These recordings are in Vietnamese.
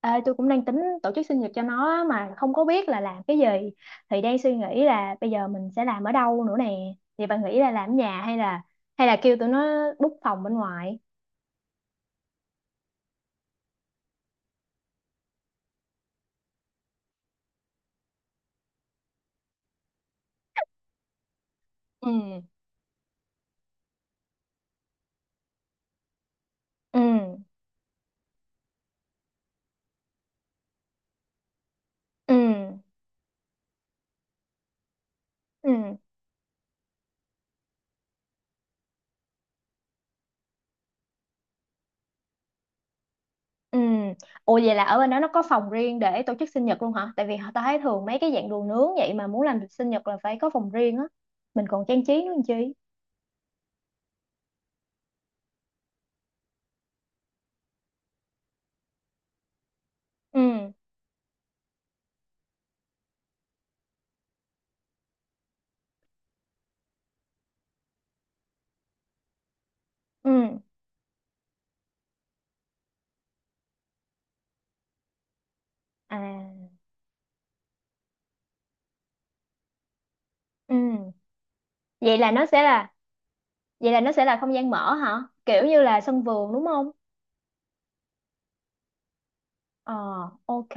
Ê, tôi cũng đang tính tổ chức sinh nhật cho nó á, mà không có biết là làm cái gì thì đang suy nghĩ là bây giờ mình sẽ làm ở đâu nữa nè thì bạn nghĩ là làm ở nhà hay là kêu tụi nó book phòng bên ngoài. Ừ, ừ, ừ, ừ, ừ. Ủa vậy là ở bên đó nó có phòng riêng để tổ chức sinh nhật luôn hả, tại vì tao thấy thường mấy cái dạng đồ nướng vậy mà muốn làm sinh nhật là phải có phòng riêng á, mình còn trang trí nữa làm chi. Ừ, ừ, à, ừ. vậy là nó sẽ là Vậy là nó sẽ là không gian mở hả? Kiểu như là sân vườn đúng không? Ờ, ok,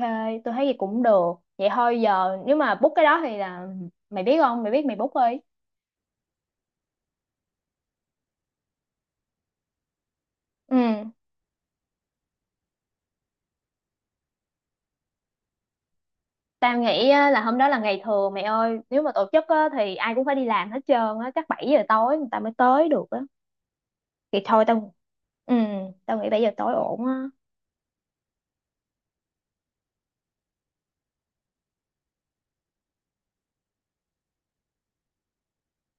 tôi thấy vậy cũng được. Vậy thôi giờ nếu mà book cái đó thì là mày biết không? Mày biết mày book đi. Ừ, tao nghĩ á, là hôm đó là ngày thường mày ơi. Nếu mà tổ chức á, thì ai cũng phải đi làm hết trơn á. Chắc 7 giờ tối người ta mới tới được á. Thì thôi tao, ừ, tao nghĩ 7 giờ tối ổn á.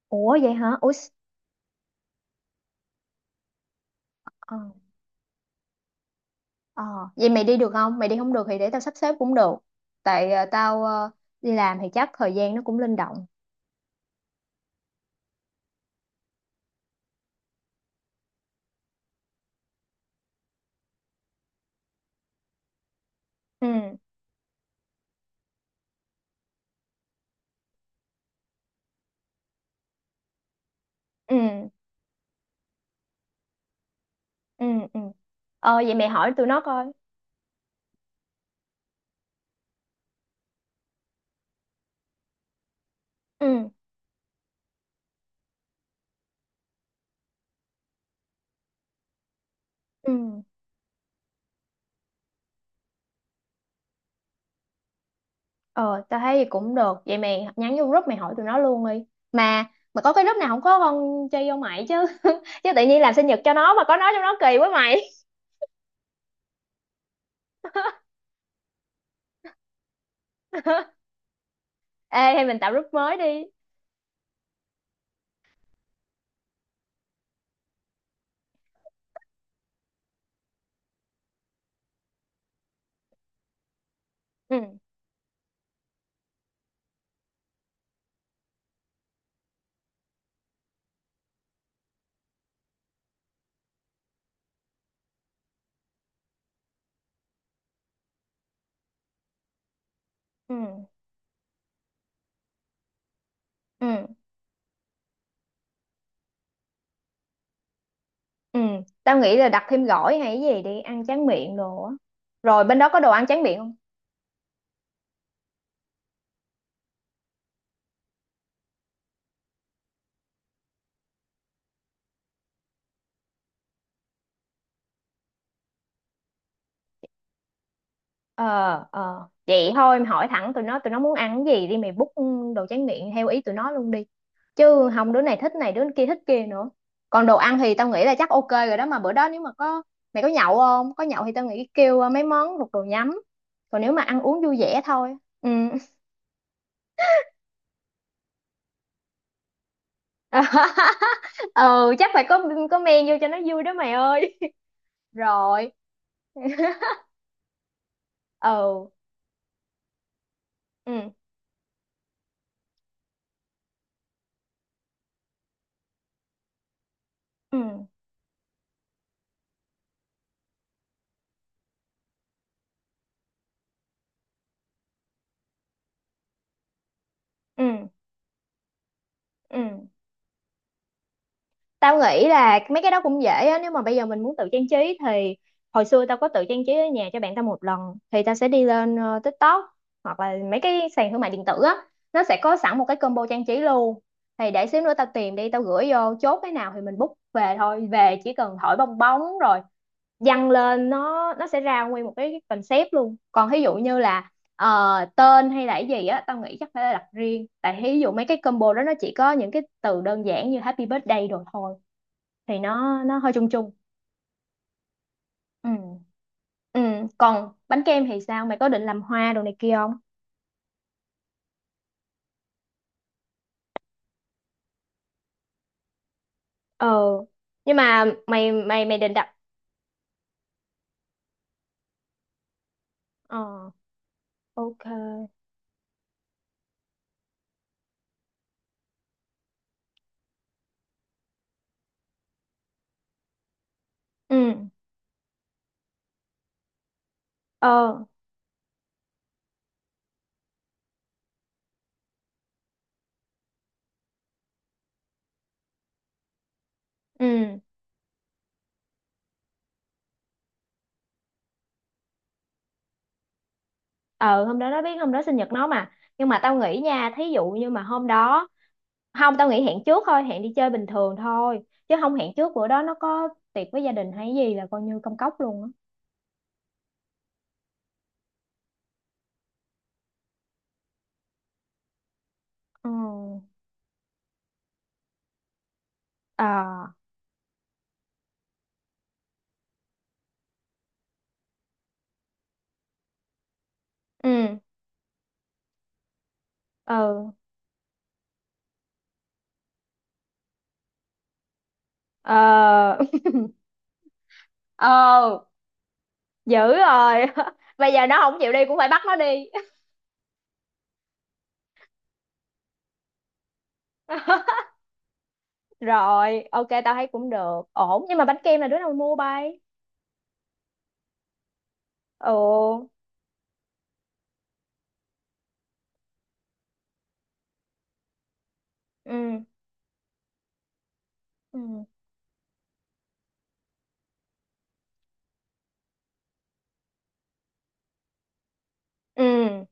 Ủa vậy hả? Ủa, ờ, ờ. Vậy mày đi được không? Mày đi không được thì để tao sắp xếp cũng được. Tại ờ, tao ờ, đi làm thì chắc thời gian nó cũng linh động. Ừ, ừ, ừ, ừ. Ờ vậy mày hỏi tụi nó coi. Ừ, ừ. Ờ tao thấy vậy cũng được, vậy mày nhắn vô group mày hỏi tụi nó luôn đi, mà có cái group nào không có con chơi vô mày chứ, chứ tự nhiên làm sinh nhật cho nó mà có nó trong đó kỳ quá mày. Ê hay mình tạo group mới đi. Ừ, ừ, ừ, ừ. Tao nghĩ là đặt thêm gỏi hay cái gì đi ăn tráng miệng đồ á, rồi bên đó có đồ ăn tráng miệng không. Ờ, ờ vậy thôi em hỏi thẳng tụi nó muốn ăn cái gì đi mày book đồ tráng miệng theo ý tụi nó luôn đi, chứ không đứa này thích này đứa kia thích kia nữa. Còn đồ ăn thì tao nghĩ là chắc ok rồi đó, mà bữa đó nếu mà có mày có nhậu không, có nhậu thì tao nghĩ kêu mấy món thuộc đồ nhắm, còn nếu mà ăn uống vui vẻ thôi. Ừ. Ừ chắc phải có men vô cho nó vui đó mày ơi. Rồi. Ừ, ừ, ừ, ừ, ừ. Tao nghĩ là mấy cái đó cũng dễ á, nếu mà bây giờ mình muốn tự trang trí thì hồi xưa tao có tự trang trí ở nhà cho bạn tao một lần thì tao sẽ đi lên TikTok hoặc là mấy cái sàn thương mại điện tử á, nó sẽ có sẵn một cái combo trang trí luôn. Thì để xíu nữa tao tìm đi tao gửi vô chốt cái nào thì mình book về thôi, về chỉ cần thổi bong bóng rồi dăng lên nó sẽ ra nguyên một cái concept luôn. Còn ví dụ như là tên hay là cái gì á, tao nghĩ chắc phải đặt riêng, tại ví dụ mấy cái combo đó nó chỉ có những cái từ đơn giản như happy birthday rồi thôi, thì nó hơi chung chung. Ừ, ừ. Còn bánh kem thì sao, mày có định làm hoa đồ này kia không? Ờ nhưng mà mày mày mày định đặt. Ờ, ok. Ừ. Ờ. Ừ. Ờ hôm đó nó biết hôm đó sinh nhật nó mà, nhưng mà tao nghĩ nha, thí dụ như mà hôm đó không, tao nghĩ hẹn trước thôi, hẹn đi chơi bình thường thôi, chứ không hẹn trước bữa đó nó có tiệc với gia đình hay gì là coi như công cốc luôn á. Ừ. Ờ. Ừ, ừ. Ờ. Ờ dữ rồi. Bây giờ nó không chịu đi cũng phải bắt nó đi. Rồi ok tao thấy cũng được ổn, nhưng mà bánh kem là đứa nào mua bay? Ừ, ừ, ừ, ừ,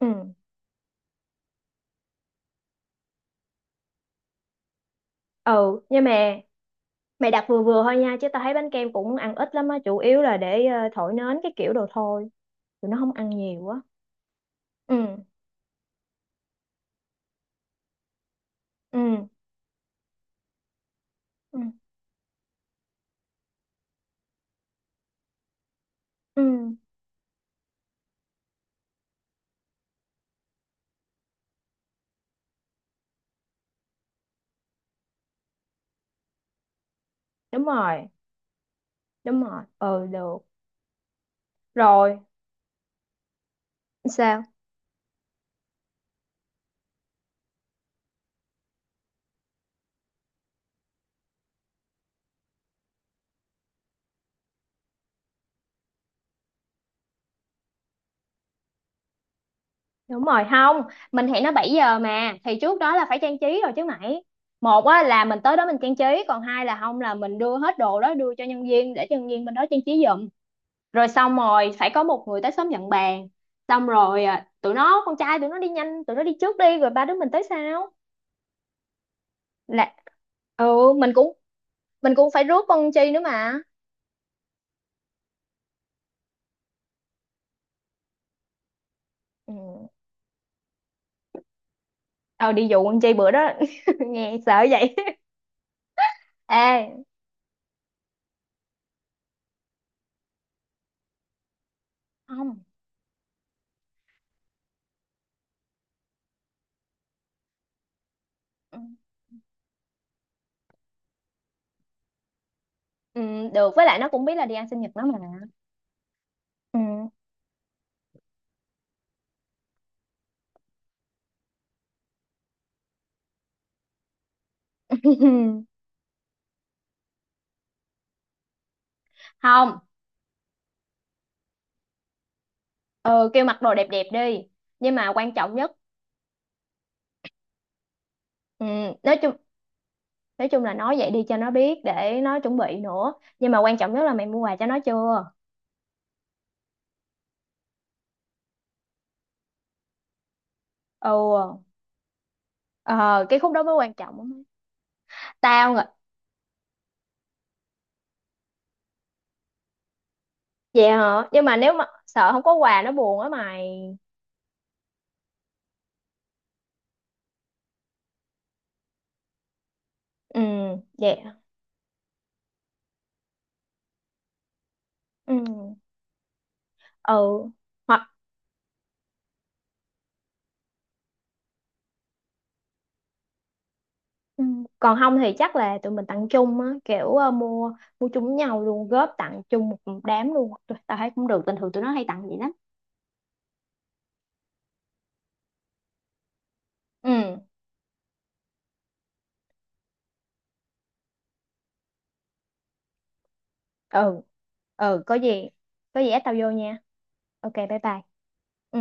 ừ, ừ. Nhưng mà mày đặt vừa vừa thôi nha, chứ tao thấy bánh kem cũng ăn ít lắm á, chủ yếu là để thổi nến cái kiểu đồ thôi, tụi nó không ăn nhiều á. Ừ, ừ, ừ, ừ. Đúng rồi, đúng rồi, ừ được rồi, sao? Đúng rồi, không, mình hẹn nó 7 giờ mà, thì trước đó là phải trang trí rồi chứ mày. Một á, là mình tới đó mình trang trí. Còn hai là không là mình đưa hết đồ đó, đưa cho nhân viên để cho nhân viên bên đó trang trí giùm. Rồi xong rồi phải có một người tới sớm nhận bàn. Xong rồi à, tụi nó con trai tụi nó đi nhanh, tụi nó đi trước đi rồi ba đứa mình tới sau là. Ừ mình cũng phải rước con Chi nữa mà. Ừ. Ờ đi dụ con Chi bữa đó, nghe sợ vậy. Ê không. Ừ, ừ, được, với lại nó cũng biết là đi ăn sinh nhật nó mà. Ừ. Ừ, không. Ừ, kêu mặc đồ đẹp đẹp đi, nhưng mà quan trọng nhất. Ừ, nói chung nói chung là nói vậy đi cho nó biết để nó chuẩn bị nữa, nhưng mà quan trọng nhất là mày mua quà cho nó chưa? Ừ. Ờ, cái khúc đó mới quan trọng á má. Tao ngờ vậy hả, nhưng mà nếu mà sợ không có quà nó buồn á mày. Ừ, vậy hả? Ừ, ừ, hoặc. Ừ. Còn không thì chắc là tụi mình tặng chung á, kiểu mua mua chung với nhau luôn, góp tặng chung một đám luôn. Tao thấy cũng được, bình thường tụi nó hay tặng vậy lắm. Ừ, ừ, ừ, có gì ép tao vô nha, ok bye bye. Ừ.